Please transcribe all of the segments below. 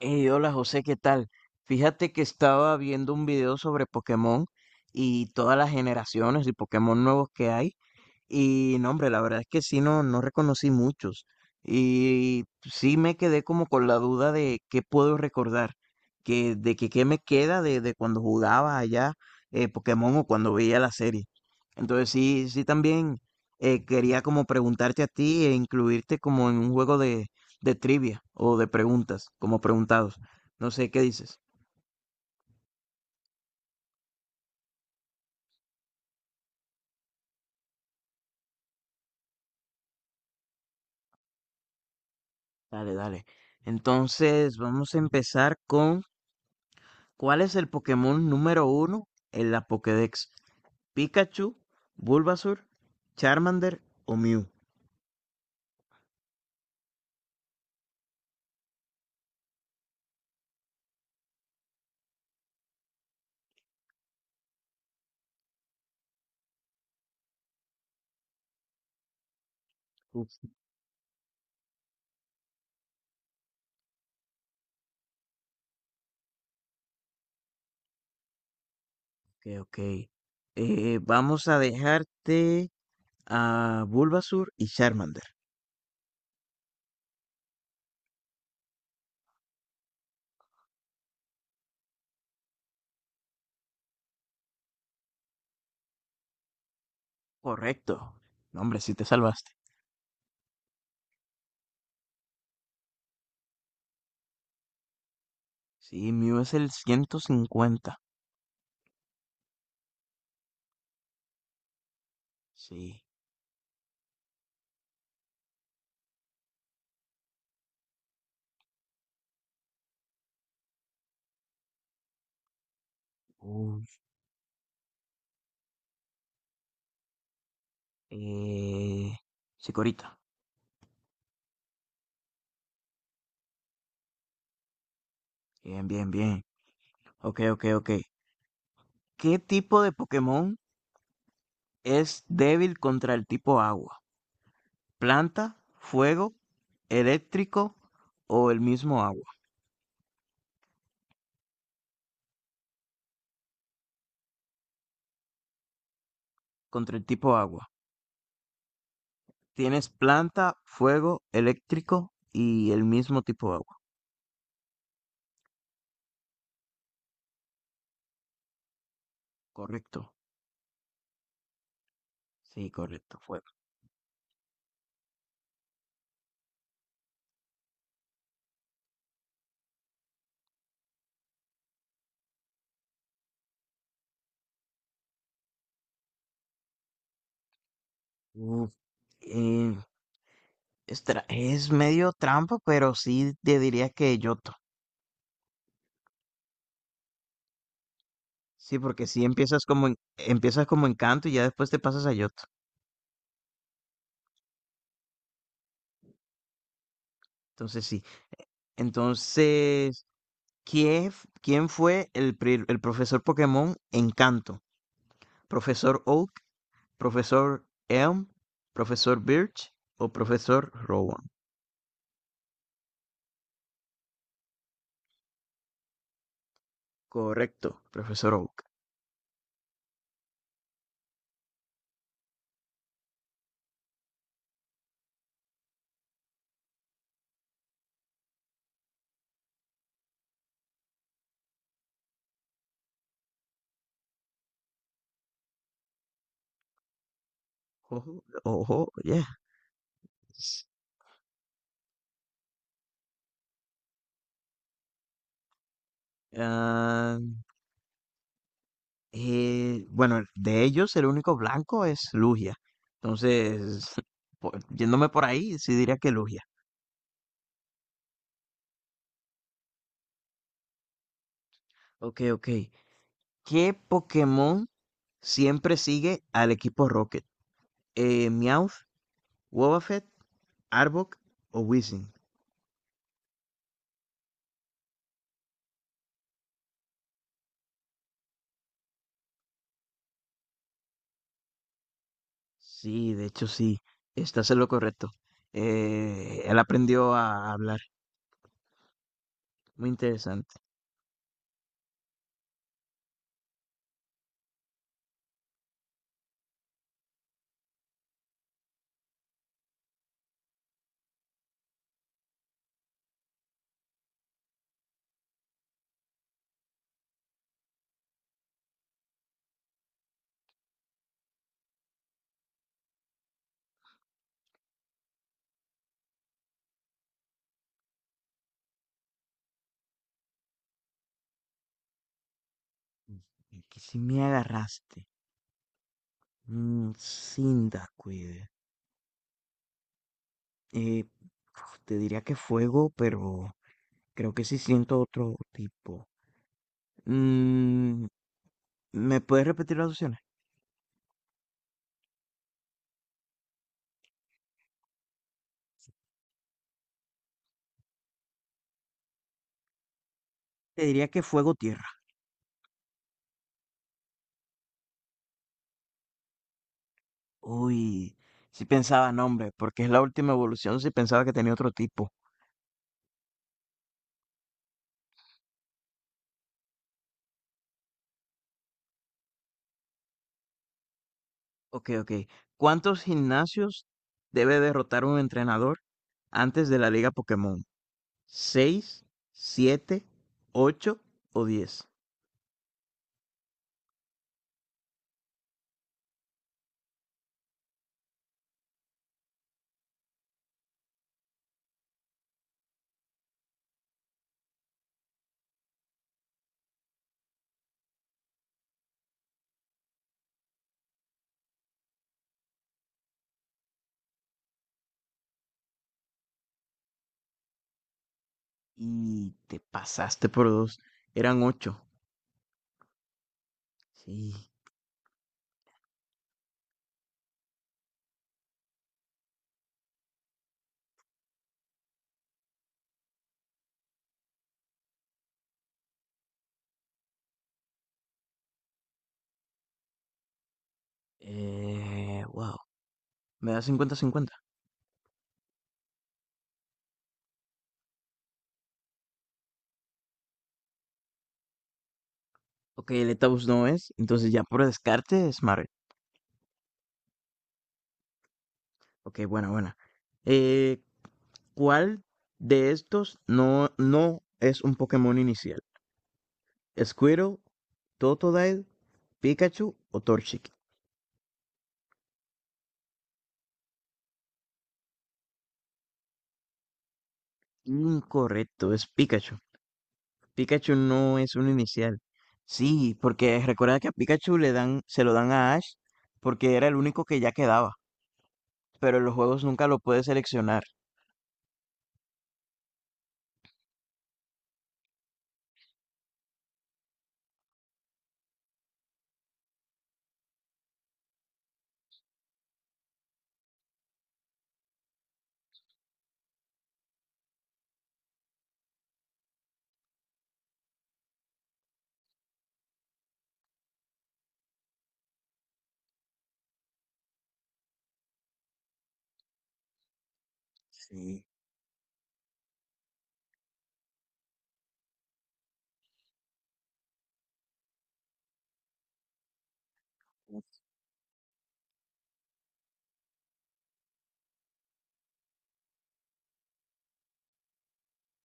Hey, hola José, ¿qué tal? Fíjate que estaba viendo un video sobre Pokémon y todas las generaciones y Pokémon nuevos que hay. Y no, hombre, la verdad es que sí, no, no reconocí muchos. Y sí me quedé como con la duda de qué puedo recordar, que, de que qué me queda de, cuando jugaba allá Pokémon o cuando veía la serie. Entonces sí, sí también quería como preguntarte a ti e incluirte como en un juego de trivia o de preguntas, como preguntados. No sé qué dices. Dale, dale. Entonces, vamos a empezar con ¿cuál es el Pokémon número uno en la Pokédex? ¿Pikachu, Bulbasaur, Charmander o Mew? Uf, ok, ok. Vamos a dejarte a Bulbasaur y Charmander. Correcto. No, hombre, sí te salvaste. Sí, Mew es el 150. Sí. Uf. Eh, Chikorita. Bien, bien, bien. Ok, ok, ok. ¿Qué tipo de Pokémon es débil contra el tipo agua? ¿Planta, fuego, eléctrico o el mismo agua? Contra el tipo agua. Tienes planta, fuego, eléctrico y el mismo tipo de agua. Correcto. Sí, correcto, fuego. Uf, eh, es medio trampa, pero sí te diría que Yoto. Sí, porque sí empiezas como empiezas como Encanto y ya después te pasas a Yoto. Entonces sí. Entonces, ¿ quién fue el profesor Pokémon Encanto? ¿Profesor Oak, profesor Elm, profesor Birch o profesor Rowan? Correcto, profesor Oak. Ojo, ojo, yeah. Ah, bueno, de ellos el único blanco es Lugia. Entonces, yéndome por ahí, sí diría que Lugia. Ok, ok. ¿Qué Pokémon siempre sigue al equipo Rocket? Meowth, Wobbuffet, Arbok o Weezing. Sí, de hecho sí, estás en lo correcto. Él aprendió a hablar. Muy interesante. Que si me agarraste. Cyndaquil. Eh, Uf, te diría que fuego, pero creo que sí siento otro tipo. Mm, ¿Me puedes repetir las opciones? Te diría que fuego tierra. Uy, si pensaba nombre, porque es la última evolución, si pensaba que tenía otro tipo. Okey, okey. ¿Cuántos gimnasios debe derrotar un entrenador antes de la Liga Pokémon? Seis, 7, 8 o 10. Y te pasaste por 2. Eran 8. Sí, guau, me da 50. 50. Okey, Letaboos no es, entonces ya por descarte es Smaragd. Okey, buena, buena. Eh, ¿Cuál de estos no es un Pokémon inicial? Squirtle, Totodile, Pikachu o Torchic. Incorrecto, es Pikachu. Pikachu no es un inicial. Sí, porque recuerda que a Pikachu le dan, se lo dan a Ash porque era el único que ya quedaba, pero en los juegos nunca lo puede seleccionar. Sí.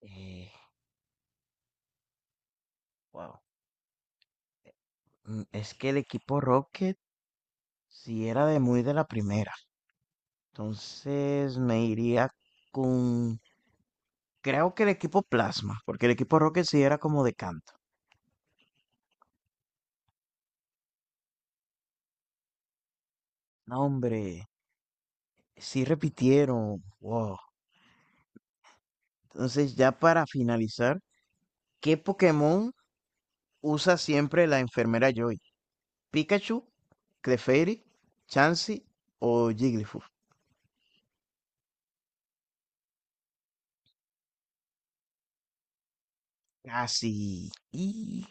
eh, wow. Es que el equipo Rocket sí era de muy de la primera. Entonces me iría con... Creo que el equipo Plasma, porque el equipo Rocket sí era como de canto. No, hombre. Sí repitieron. Wow. Entonces, ya para finalizar, ¿qué Pokémon usa siempre la enfermera Joy? ¿Pikachu, Clefairy, Chansey o Jigglypuff? Casi. Y...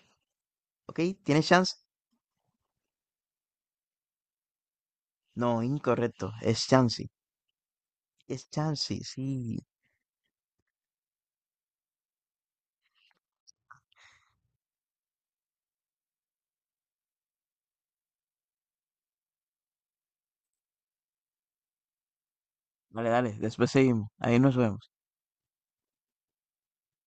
Ok, ¿tienes chance? No, incorrecto. Es Chansey. Es Chansey, sí. Vale, dale, después seguimos. Ahí nos vemos.